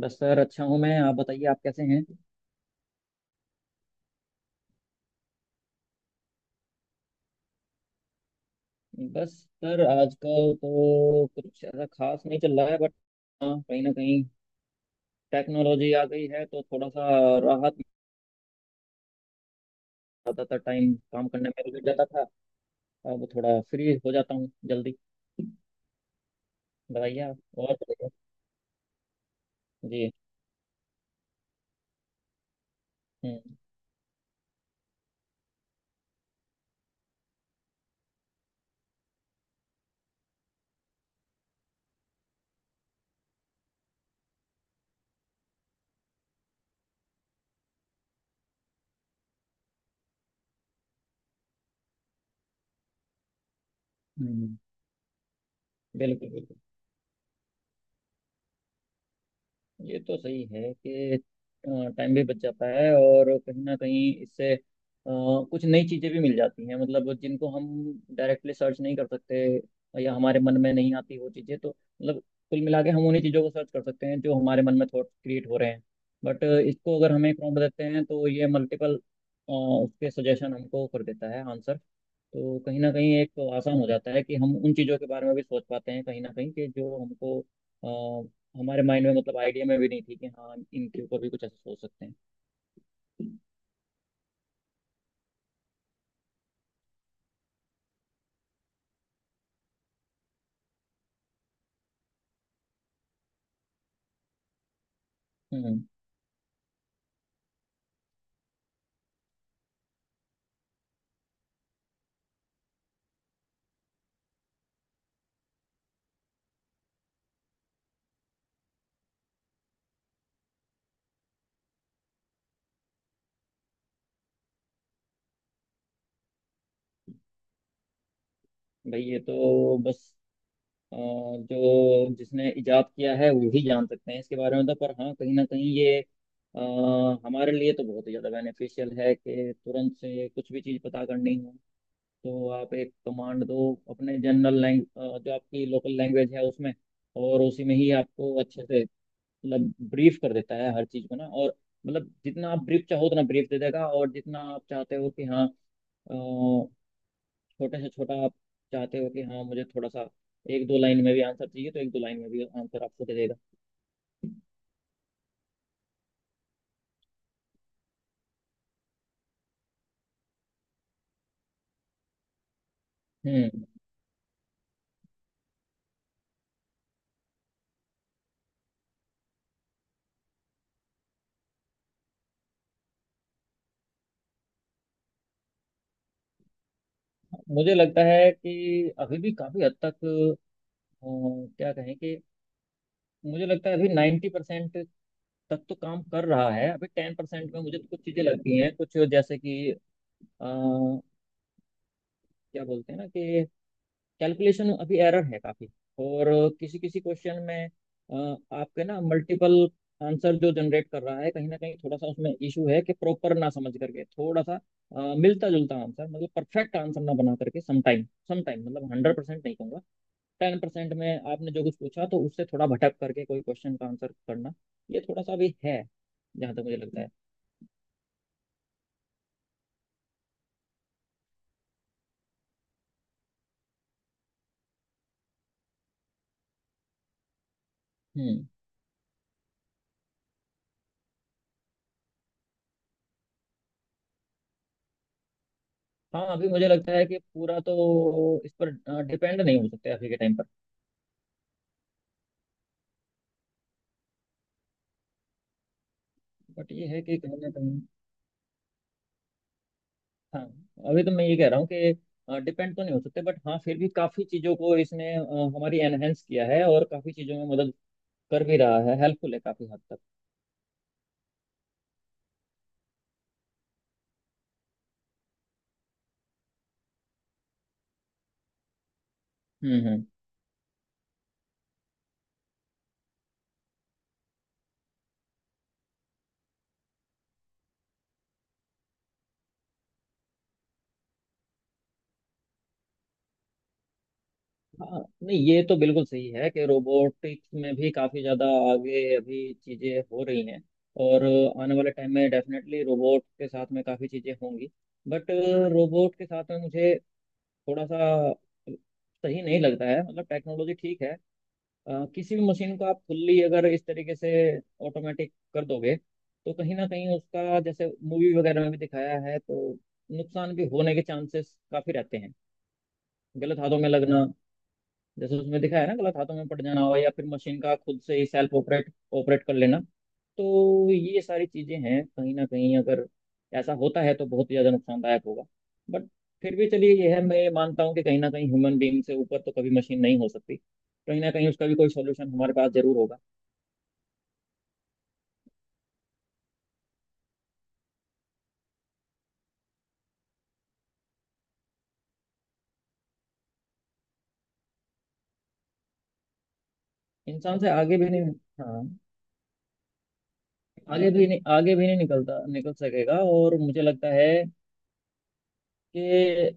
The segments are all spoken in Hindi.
बस सर, अच्छा हूँ। मैं, आप बताइए, आप कैसे हैं। बस सर, आजकल तो कुछ ऐसा खास नहीं चल रहा है। बट हाँ, कहीं ना कहीं टेक्नोलॉजी आ गई है तो थोड़ा सा राहत आता था। टाइम काम करने में लग जाता था, अब थोड़ा फ्री हो जाता हूँ जल्दी। बताइए आप, और बताइए। जी। हम्म। हम्म, बिल्कुल बिल्कुल। ये तो सही है कि टाइम भी बच जाता है और कहीं ना कहीं इससे कुछ नई चीज़ें भी मिल जाती हैं, मतलब जिनको हम डायरेक्टली सर्च नहीं कर सकते या हमारे मन में नहीं आती वो चीज़ें, तो मतलब कुल मिला के हम उन्हीं चीज़ों को सर्च कर सकते हैं जो हमारे मन में थॉट क्रिएट हो रहे हैं। बट इसको अगर हम एक प्रॉम्प्ट देते हैं तो ये मल्टीपल उसके सजेशन हमको कर देता है आंसर। तो कहीं ना कहीं एक तो आसान हो जाता है कि हम उन चीज़ों के बारे में भी सोच पाते हैं कहीं ना कहीं, कि जो हमको हमारे माइंड में मतलब आइडिया में भी नहीं थी कि हाँ इनके ऊपर भी कुछ ऐसा सोच सकते हैं। हम्म। भाई ये तो बस जो जिसने इजाद किया है वो ही जान सकते हैं इसके बारे में, तो पर हाँ कहीं ना कहीं ये अ, हमारे लिए तो बहुत ही ज़्यादा बेनिफिशियल है कि तुरंत से कुछ भी चीज़ पता करनी हो तो आप एक कमांड दो, अपने जनरल लैंग जो आपकी लोकल लैंग्वेज है उसमें, और उसी में ही आपको अच्छे से मतलब ब्रीफ कर देता है हर चीज़ को ना। और मतलब जितना आप ब्रीफ चाहो उतना ब्रीफ दे देगा, और जितना आप चाहते हो कि हाँ अ, छोटे से छोटा आप चाहते हो कि हाँ मुझे थोड़ा सा एक दो लाइन में भी आंसर चाहिए तो एक दो लाइन में भी आंसर आपको दे देगा। हम्म। मुझे लगता है कि अभी भी काफ़ी हद तक अ, क्या कहें कि, मुझे लगता है अभी 90% तक तो काम कर रहा है, अभी 10% में मुझे तो कुछ चीजें लगती हैं कुछ, जैसे कि अ, क्या बोलते हैं ना कि कैलकुलेशन अभी एरर है काफी। और किसी किसी क्वेश्चन में अ, आपके ना मल्टीपल आंसर जो जनरेट कर रहा है, कहीं ना कहीं थोड़ा सा उसमें इशू है कि प्रॉपर ना समझ करके थोड़ा सा मिलता जुलता आंसर मतलब परफेक्ट आंसर ना बना करके समटाइम समटाइम मतलब 100% नहीं कहूंगा, 10% में आपने जो कुछ पूछा तो उससे थोड़ा भटक करके कोई क्वेश्चन का आंसर करना, ये थोड़ा सा भी है जहाँ तक मुझे लगता है। हम्म। हाँ, अभी मुझे लगता है कि पूरा तो इस पर डिपेंड नहीं हो सकते अभी के टाइम पर। बट ये है कि कहीं ना कहीं, हाँ, अभी तो मैं ये कह रहा हूँ कि डिपेंड तो नहीं हो सकते बट हाँ फिर भी काफ़ी चीज़ों को इसने हमारी एनहेंस किया है, और काफ़ी चीज़ों में मदद कर भी रहा है, हेल्पफुल है काफ़ी हद तक। हम्म, हम्म। हाँ, नहीं ये तो बिल्कुल सही है कि रोबोटिक्स में भी काफ़ी ज़्यादा आगे अभी चीज़ें हो रही हैं, और आने वाले टाइम में डेफिनेटली रोबोट के साथ में काफ़ी चीज़ें होंगी। बट रोबोट के साथ में मुझे थोड़ा सा सही नहीं लगता है, मतलब टेक्नोलॉजी ठीक है, किसी भी मशीन को आप फुल्ली अगर इस तरीके से ऑटोमेटिक कर दोगे तो कहीं ना कहीं, उसका जैसे मूवी वगैरह में भी दिखाया है तो नुकसान भी होने के चांसेस काफ़ी रहते हैं। गलत हाथों में लगना, जैसे उसमें दिखाया है ना, गलत हाथों में पड़ जाना हो, या फिर मशीन का खुद से ही सेल्फ ऑपरेट ऑपरेट कर लेना। तो ये सारी चीजें हैं, कहीं ना कहीं अगर ऐसा होता है तो बहुत ही ज्यादा नुकसानदायक होगा। बट फिर भी चलिए ये है, मैं ये मानता हूँ कि कहीं ना कहीं ह्यूमन बीइंग से ऊपर तो कभी मशीन नहीं हो सकती, कहीं ना कहीं उसका भी कोई सोल्यूशन हमारे पास जरूर होगा। इंसान से आगे भी नहीं। हाँ, आगे भी नहीं निकल सकेगा, और मुझे लगता है कि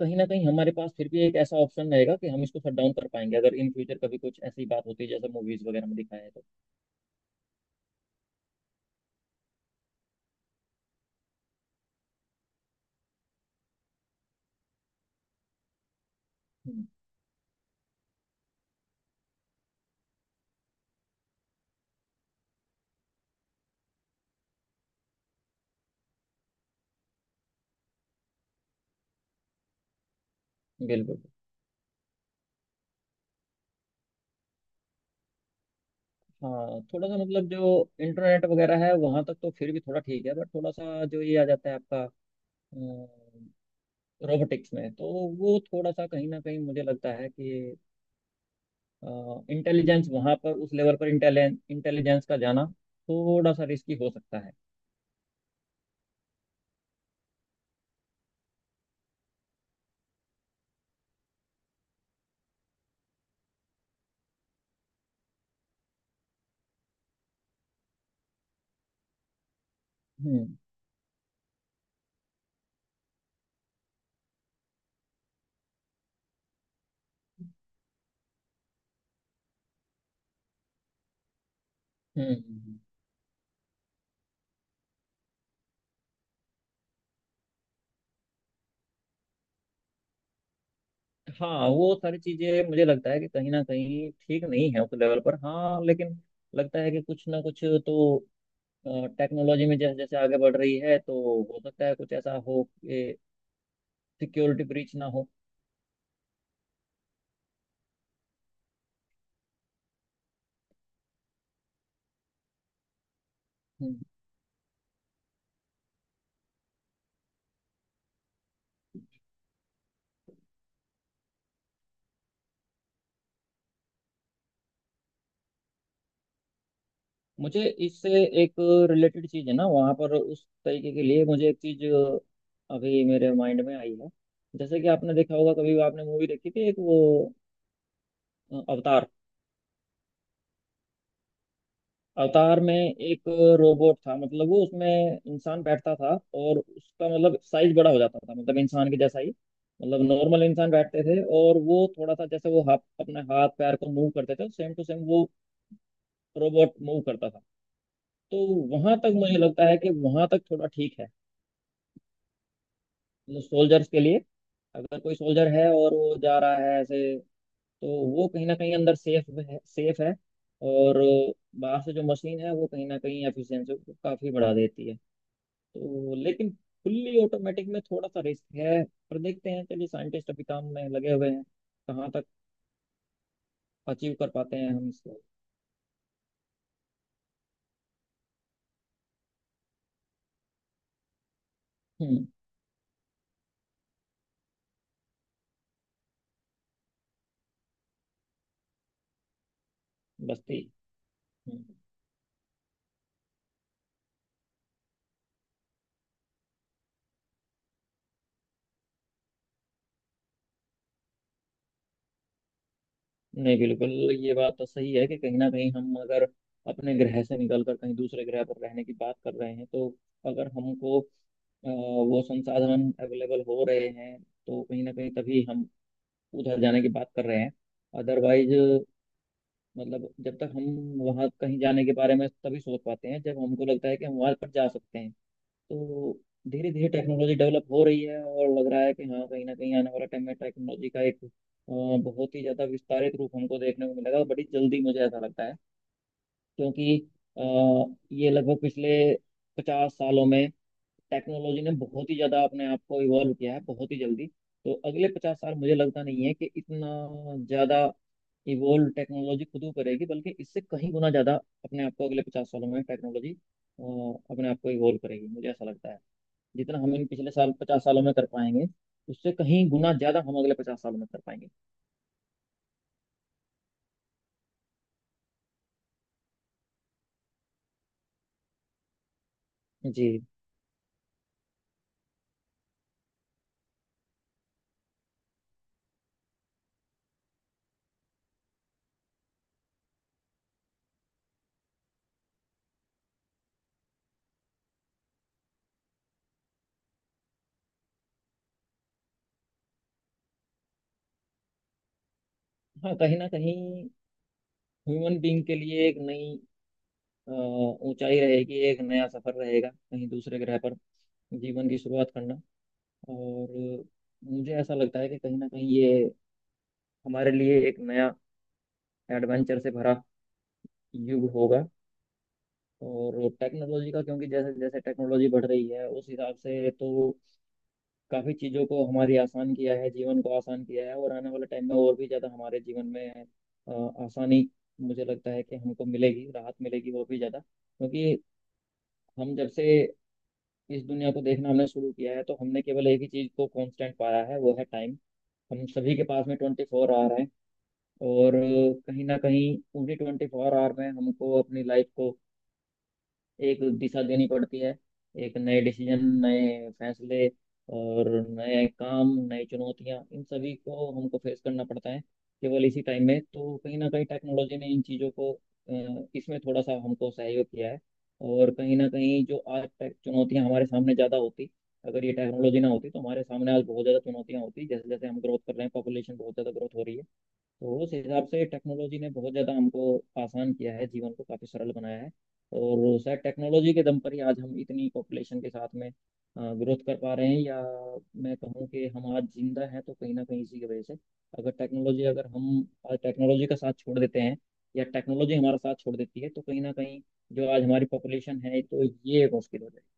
कहीं ना कहीं हमारे पास फिर भी एक ऐसा ऑप्शन रहेगा कि हम इसको शट डाउन कर पाएंगे अगर इन फ्यूचर कभी कुछ ऐसी बात होती है जैसे मूवीज वगैरह में दिखाया है तो। हम्म, बिल्कुल। हाँ, थोड़ा सा मतलब जो इंटरनेट वगैरह है वहां तक तो फिर भी थोड़ा ठीक है, बट थोड़ा सा जो ये आ जाता है आपका रोबोटिक्स में, तो वो थोड़ा सा कहीं ना कहीं मुझे लगता है कि इंटेलिजेंस वहां पर उस लेवल पर इंटेलिजेंस का जाना थोड़ा सा रिस्की हो सकता है। हम्म। हम्म। हाँ, वो सारी चीजें मुझे लगता है कि कहीं ना कहीं ठीक नहीं है उस लेवल पर, हाँ लेकिन लगता है कि कुछ ना कुछ तो टेक्नोलॉजी में जैसे जैसे आगे बढ़ रही है तो हो सकता है कुछ ऐसा हो कि सिक्योरिटी ब्रीच ना हो। हम्म। मुझे इससे एक रिलेटेड चीज है ना, वहाँ पर उस तरीके के लिए मुझे एक चीज अभी मेरे माइंड में आई है। जैसे कि आपने देखा होगा, कभी आपने मूवी देखी थी एक वो अवतार। अवतार में एक रोबोट था, मतलब वो उसमें इंसान बैठता था और उसका मतलब साइज बड़ा हो जाता था, मतलब इंसान के जैसा ही। मतलब नॉर्मल इंसान बैठते थे और वो थोड़ा सा जैसे वो हाथ, अपने हाथ पैर को मूव करते थे सेम टू सेम वो रोबोट मूव करता था। तो वहां तक मुझे लगता है कि वहां तक थोड़ा ठीक है, मतलब सोल्जर्स के लिए, अगर कोई सोल्जर है और वो जा रहा है ऐसे, तो वो कहीं ना कहीं अंदर सेफ है सेफ है, और बाहर से जो मशीन है वो कहीं ना कहीं एफिशिएंसी को काफी बढ़ा देती है। तो लेकिन फुल्ली ऑटोमेटिक में थोड़ा सा रिस्क है, पर देखते हैं, चलिए साइंटिस्ट अभी काम में लगे हुए हैं, कहाँ तक अचीव कर पाते हैं हम इसको। हम्म। बस्ती। हम्म, नहीं बिल्कुल। ये बात तो सही है कि कहीं ना कहीं हम अगर अपने ग्रह से निकल कर कहीं दूसरे ग्रह पर रहने की बात कर रहे हैं, तो अगर हमको वो संसाधन अवेलेबल हो रहे हैं तो कहीं ना कहीं तभी हम उधर जाने की बात कर रहे हैं, अदरवाइज मतलब जब तक हम वहाँ कहीं जाने के बारे में तभी सोच पाते हैं जब हमको लगता है कि हम वहाँ पर जा सकते हैं। तो धीरे धीरे टेक्नोलॉजी डेवलप हो रही है, और लग रहा है कि हाँ कहीं ना कहीं आने वाला टाइम में टेक्नोलॉजी का एक बहुत ही ज़्यादा विस्तारित रूप हमको देखने को मिलेगा, और बड़ी जल्दी मुझे ऐसा लगता है। क्योंकि ये लगभग पिछले 50 सालों में टेक्नोलॉजी ने बहुत ही ज्यादा अपने आप को इवॉल्व किया है, बहुत ही जल्दी। तो अगले 50 साल मुझे लगता नहीं है कि इतना ज्यादा इवॉल्व टेक्नोलॉजी खुद ही करेगी, बल्कि इससे कहीं गुना ज्यादा अपने आप को अगले 50 सालों में टेक्नोलॉजी अपने आप को इवॉल्व करेगी, मुझे ऐसा लगता है। जितना हम इन पिछले साल 50 सालों में कर पाएंगे, उससे कहीं गुना ज्यादा हम अगले 50 सालों में कर पाएंगे। जी। हाँ, कहीं ना कहीं ह्यूमन बींग के लिए एक नई ऊंचाई रहेगी, एक नया सफर रहेगा, कहीं दूसरे ग्रह पर जीवन की शुरुआत करना। और मुझे ऐसा लगता है कि कहीं ना कहीं ये हमारे लिए एक नया एडवेंचर से भरा युग होगा, और टेक्नोलॉजी का, क्योंकि जैसे जैसे टेक्नोलॉजी बढ़ रही है उस हिसाब से तो काफ़ी चीज़ों को हमारी आसान किया है, जीवन को आसान किया है, और आने वाले टाइम में और भी ज़्यादा हमारे जीवन में आसानी मुझे लगता है कि हमको मिलेगी, राहत मिलेगी और भी ज़्यादा। क्योंकि हम जब से इस दुनिया को देखना हमने शुरू किया है तो हमने केवल एक ही चीज़ को कांस्टेंट पाया है, वो है टाइम। हम सभी के पास में 24 आवर है। और कहीं ना कहीं पूरी 24 आवर में हमको अपनी लाइफ को एक दिशा देनी पड़ती है, एक नए डिसीजन नए फैसले, और नए काम नई चुनौतियां, इन सभी को हमको फेस करना पड़ता है केवल इसी टाइम में। तो कहीं ना कहीं टेक्नोलॉजी ने इन चीज़ों को इसमें थोड़ा सा हमको सहयोग किया है, और कहीं ना कहीं जो आज तक चुनौतियां हमारे सामने ज़्यादा होती, अगर ये टेक्नोलॉजी ना होती तो हमारे सामने आज बहुत ज़्यादा चुनौतियां होती, जैसे जैसे हम ग्रोथ कर रहे हैं पॉपुलेशन बहुत ज़्यादा ग्रोथ हो रही है। तो उस हिसाब से टेक्नोलॉजी ने बहुत ज़्यादा हमको आसान किया है, जीवन को काफ़ी सरल बनाया है। और शायद टेक्नोलॉजी के दम पर ही आज हम इतनी पॉपुलेशन के साथ में ग्रोथ कर पा रहे हैं, या मैं कहूँ कि हम आज जिंदा हैं तो कहीं ना कहीं इसी की वजह से। अगर टेक्नोलॉजी, अगर हम आज टेक्नोलॉजी का साथ छोड़ देते हैं या टेक्नोलॉजी हमारा साथ छोड़ देती है तो कहीं ना कहीं जो आज हमारी पॉपुलेशन है तो ये एक मुश्किल हो जाएगी।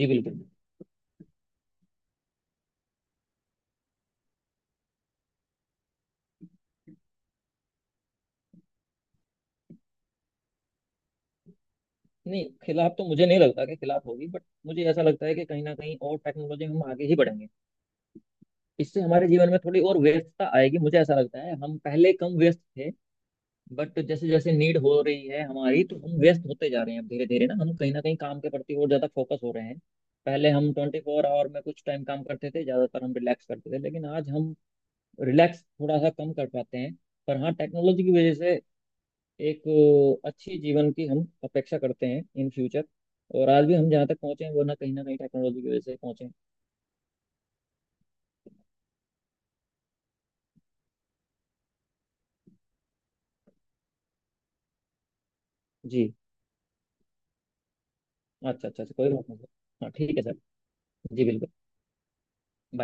जी बिल्कुल। नहीं खिलाफ तो मुझे नहीं लगता कि खिलाफ होगी, बट मुझे ऐसा लगता है कि कहीं ना कहीं, और टेक्नोलॉजी में हम आगे ही बढ़ेंगे। इससे हमारे जीवन में थोड़ी और व्यस्तता आएगी मुझे ऐसा लगता है, हम पहले कम व्यस्त थे बट जैसे जैसे नीड हो रही है हमारी तो हम व्यस्त होते जा रहे हैं, अब धीरे धीरे ना हम कहीं ना कहीं काम के प्रति और ज्यादा फोकस हो रहे हैं। पहले हम 24 आवर में कुछ टाइम काम करते थे, ज्यादातर हम रिलैक्स करते थे, लेकिन आज हम रिलैक्स थोड़ा सा कम कर पाते हैं। पर हाँ टेक्नोलॉजी की वजह से एक अच्छी जीवन की हम अपेक्षा करते हैं इन फ्यूचर, और आज भी हम जहाँ तक पहुंचे हैं वो ना कहीं टेक्नोलॉजी की वजह से पहुंचे हैं। जी। अच्छा अच्छा अच्छा, कोई बात नहीं सर। हाँ ठीक है सर। जी बिल्कुल। by।